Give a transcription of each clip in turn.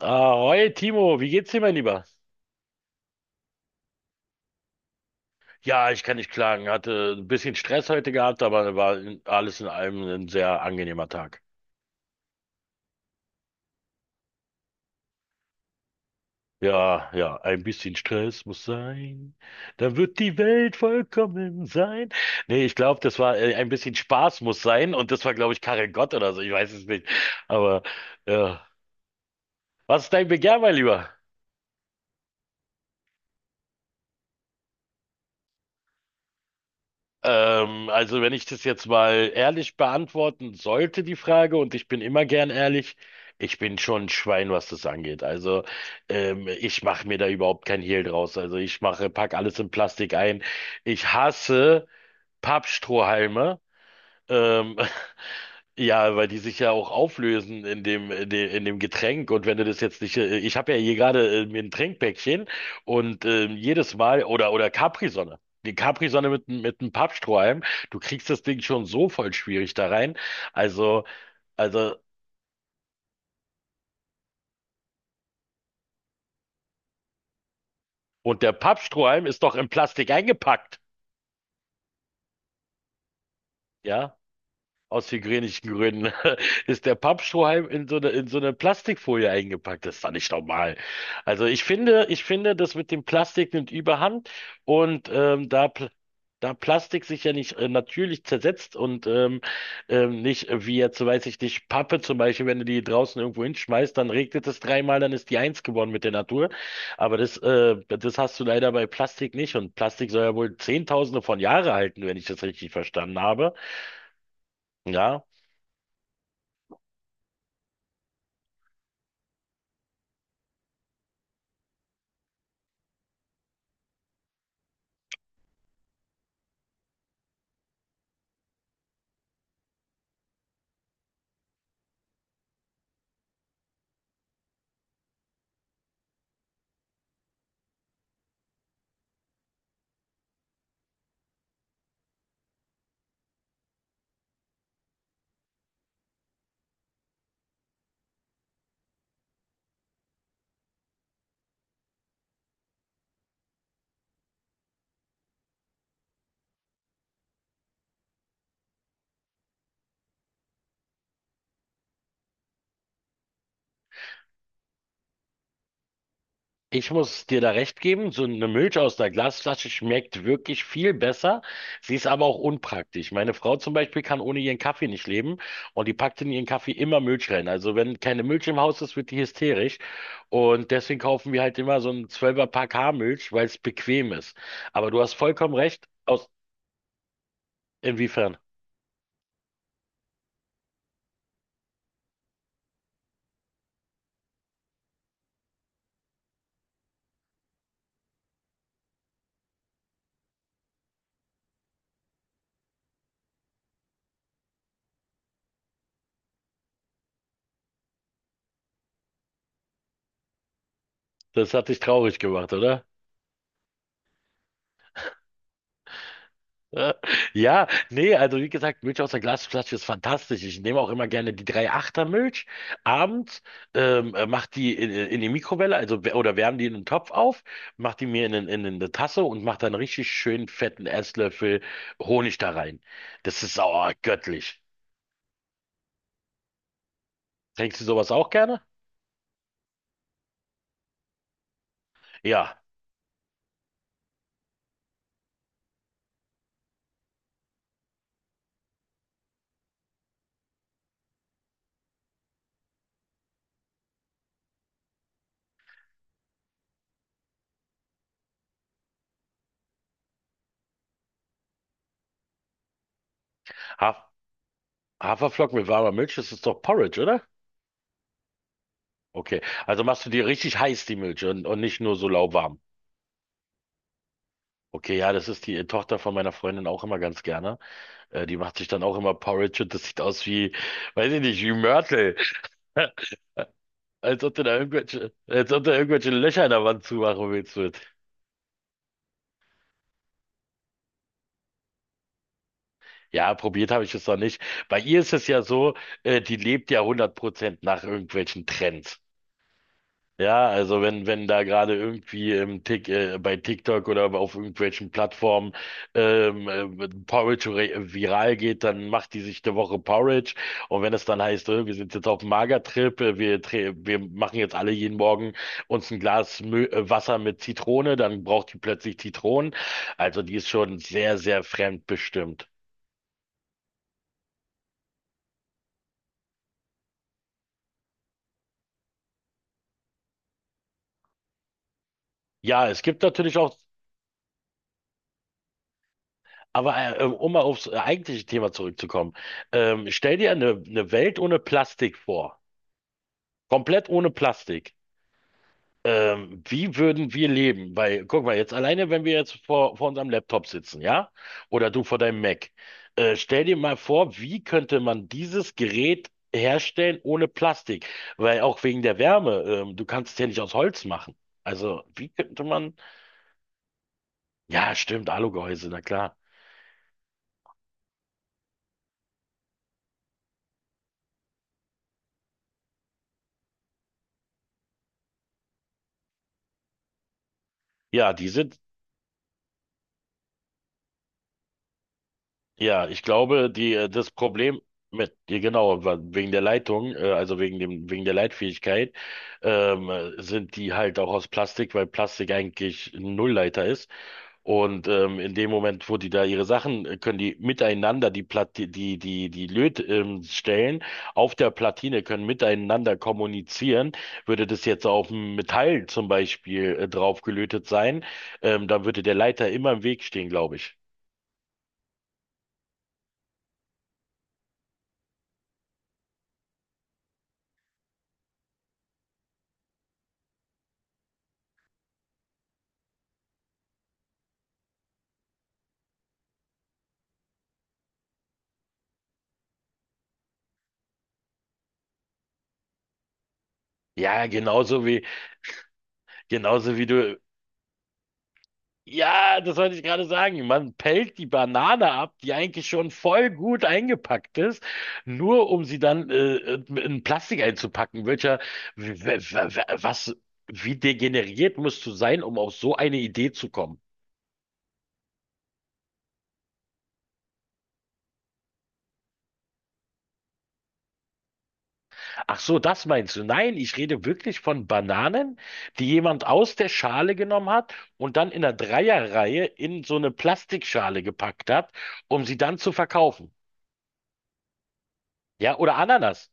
Ahoi, Timo, wie geht's dir, mein Lieber? Ja, ich kann nicht klagen. Hatte ein bisschen Stress heute gehabt, aber war alles in allem ein sehr angenehmer Tag. Ja, ja, ein bisschen Stress muss sein. Dann wird die Welt vollkommen sein. Nee, ich glaube, das war ein bisschen Spaß muss sein, und das war, glaube ich, Karel Gott oder so. Ich weiß es nicht. Aber ja. Was ist dein Begehr, mein Lieber? Also wenn ich das jetzt mal ehrlich beantworten sollte, die Frage, und ich bin immer gern ehrlich, ich bin schon ein Schwein, was das angeht. Also ich mache mir da überhaupt kein Hehl draus. Also ich mache, pack alles in Plastik ein. Ich hasse Pappstrohhalme. Ähm, Ja, weil die sich ja auch auflösen in dem Getränk. Und wenn du das jetzt nicht, ich habe ja hier gerade mir ein Trinkpäckchen und jedes Mal, oder Capri-Sonne. Die Capri-Sonne mit, mit einem Pappstrohhalm, du kriegst das Ding schon so voll schwierig da rein. Also, also, und der Pappstrohhalm ist doch in Plastik eingepackt. Ja, aus hygienischen Gründen ist der Pappstrohhalm in so eine Plastikfolie eingepackt. Das ist doch nicht normal. Also ich finde, das mit dem Plastik nimmt überhand, und da Plastik sich ja nicht natürlich zersetzt und nicht wie jetzt, weiß ich nicht, Pappe zum Beispiel, wenn du die draußen irgendwo hinschmeißt, dann regnet es dreimal, dann ist die eins geworden mit der Natur. Aber das hast du leider bei Plastik nicht, und Plastik soll ja wohl Zehntausende von Jahre halten, wenn ich das richtig verstanden habe. Ja. Ich muss dir da recht geben, so eine Milch aus der Glasflasche schmeckt wirklich viel besser. Sie ist aber auch unpraktisch. Meine Frau zum Beispiel kann ohne ihren Kaffee nicht leben, und die packt in ihren Kaffee immer Milch rein. Also wenn keine Milch im Haus ist, wird die hysterisch. Und deswegen kaufen wir halt immer so einen 12er-Pack Haarmilch, weil es bequem ist. Aber du hast vollkommen recht. Aus inwiefern? Das hat dich traurig gemacht, oder? Äh, Ja, nee, also wie gesagt, Milch aus der Glasflasche ist fantastisch. Ich nehme auch immer gerne die 3-8er Milch abends, mach die in die Mikrowelle, also oder wärme die in den Topf auf, mach die mir in eine Tasse und mach dann richtig schön fetten Esslöffel Honig da rein. Das ist oh, göttlich. Trinkst du sowas auch gerne? Ja, Haf Haferflocken mit warmer Milch, das ist doch Porridge, oder? Okay, also machst du dir richtig heiß die Milch, und nicht nur so lauwarm. Okay, ja, das ist die Tochter von meiner Freundin auch immer ganz gerne. Die macht sich dann auch immer Porridge, und das sieht aus wie, weiß ich nicht, wie Mörtel. Als ob du da irgendwelche, als ob du irgendwelche Löcher in der Wand zumachen willst mit. Ja, probiert habe ich es noch nicht. Bei ihr ist es ja so, die lebt ja 100% nach irgendwelchen Trends. Ja, also wenn da gerade irgendwie bei TikTok oder auf irgendwelchen Plattformen Porridge viral geht, dann macht die sich eine Woche Porridge. Und wenn es dann heißt, wir sind jetzt auf dem Magertrip, wir machen jetzt alle jeden Morgen uns ein Glas Mö Wasser mit Zitrone, dann braucht die plötzlich Zitronen. Also die ist schon sehr, sehr fremdbestimmt. Ja, es gibt natürlich auch, aber um mal aufs eigentliche Thema zurückzukommen, stell dir eine Welt ohne Plastik vor. Komplett ohne Plastik. Wie würden wir leben? Weil, guck mal, jetzt alleine, wenn wir jetzt vor unserem Laptop sitzen, ja? Oder du vor deinem Mac. Stell dir mal vor, wie könnte man dieses Gerät herstellen ohne Plastik? Weil auch wegen der Wärme, du kannst es ja nicht aus Holz machen. Also, wie könnte man? Ja, stimmt, Alugehäuse, na klar. Ja, die sind. Ja, ich glaube, das Problem mit, ja, genau, wegen der Leitung, also wegen dem, wegen der Leitfähigkeit, sind die halt auch aus Plastik, weil Plastik eigentlich ein Nullleiter ist. Und in dem Moment, wo die da ihre Sachen, können die miteinander die Plat die, die, die die Lötstellen auf der Platine können miteinander kommunizieren. Würde das jetzt auf dem Metall zum Beispiel drauf gelötet sein, dann würde der Leiter immer im Weg stehen, glaube ich. Ja, genauso wie, Genauso wie du. Ja, das wollte ich gerade sagen. Man pellt die Banane ab, die eigentlich schon voll gut eingepackt ist, nur um sie dann in Plastik einzupacken. Welcher, w- w- w- was, wie degeneriert musst du sein, um auf so eine Idee zu kommen? Ach so, das meinst du? Nein, ich rede wirklich von Bananen, die jemand aus der Schale genommen hat und dann in der Dreierreihe in so eine Plastikschale gepackt hat, um sie dann zu verkaufen. Ja, oder Ananas.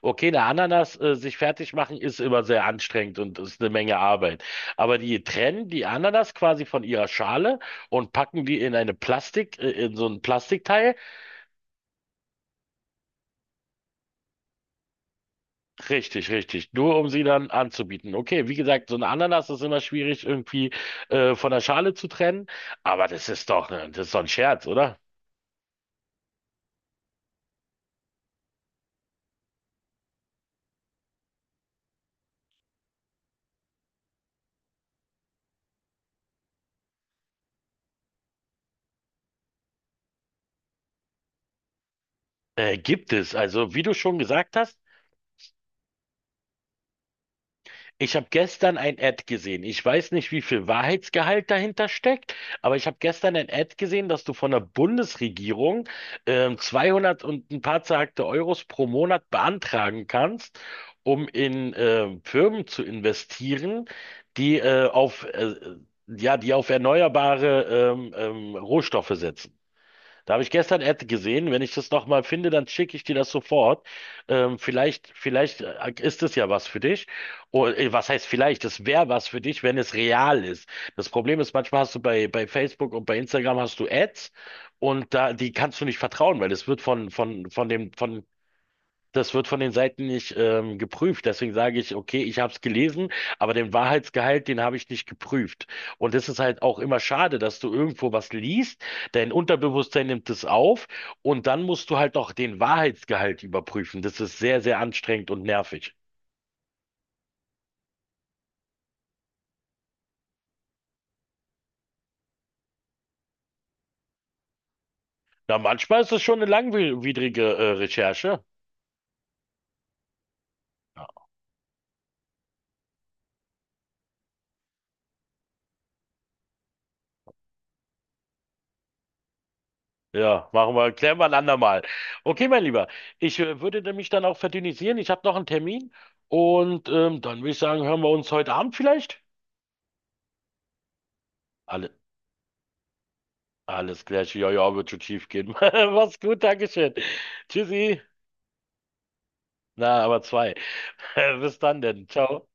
Okay, eine Ananas sich fertig machen ist immer sehr anstrengend und ist eine Menge Arbeit. Aber die trennen die Ananas quasi von ihrer Schale und packen die in in so ein Plastikteil. Richtig, richtig. Nur um sie dann anzubieten. Okay, wie gesagt, so eine Ananas ist immer schwierig irgendwie von der Schale zu trennen. Aber das ist doch, ne, das ist doch ein Scherz, oder? Gibt es. Also, wie du schon gesagt hast. Ich habe gestern ein Ad gesehen. Ich weiß nicht, wie viel Wahrheitsgehalt dahinter steckt, aber ich habe gestern ein Ad gesehen, dass du von der Bundesregierung 200 und ein paar zerhackte Euros pro Monat beantragen kannst, um in Firmen zu investieren, die auf ja, die auf erneuerbare Rohstoffe setzen. Da habe ich gestern Ad gesehen. Wenn ich das nochmal finde, dann schicke ich dir das sofort. Vielleicht ist es ja was für dich. Oder, was heißt vielleicht? Das wäre was für dich, wenn es real ist. Das Problem ist, manchmal hast du bei Facebook und bei Instagram hast du Ads, und da, die kannst du nicht vertrauen, weil es wird von dem, von das wird von den Seiten nicht geprüft. Deswegen sage ich, okay, ich habe es gelesen, aber den Wahrheitsgehalt, den habe ich nicht geprüft. Und das ist halt auch immer schade, dass du irgendwo was liest, dein Unterbewusstsein nimmt es auf, und dann musst du halt noch den Wahrheitsgehalt überprüfen. Das ist sehr, sehr anstrengend und nervig. Na, manchmal ist das schon eine langwierige Recherche. Ja, ja, machen wir, klären wir ein andermal. Okay, mein Lieber, ich würde mich dann auch verdünnisieren. Ich habe noch einen Termin, und dann würde ich sagen, hören wir uns heute Abend vielleicht? Alle, Alles klar, ja, ja, wird schon schief gehen. Mach's gut, Dankeschön. Tschüssi. Na, aber zwei. Bis dann denn. Ciao.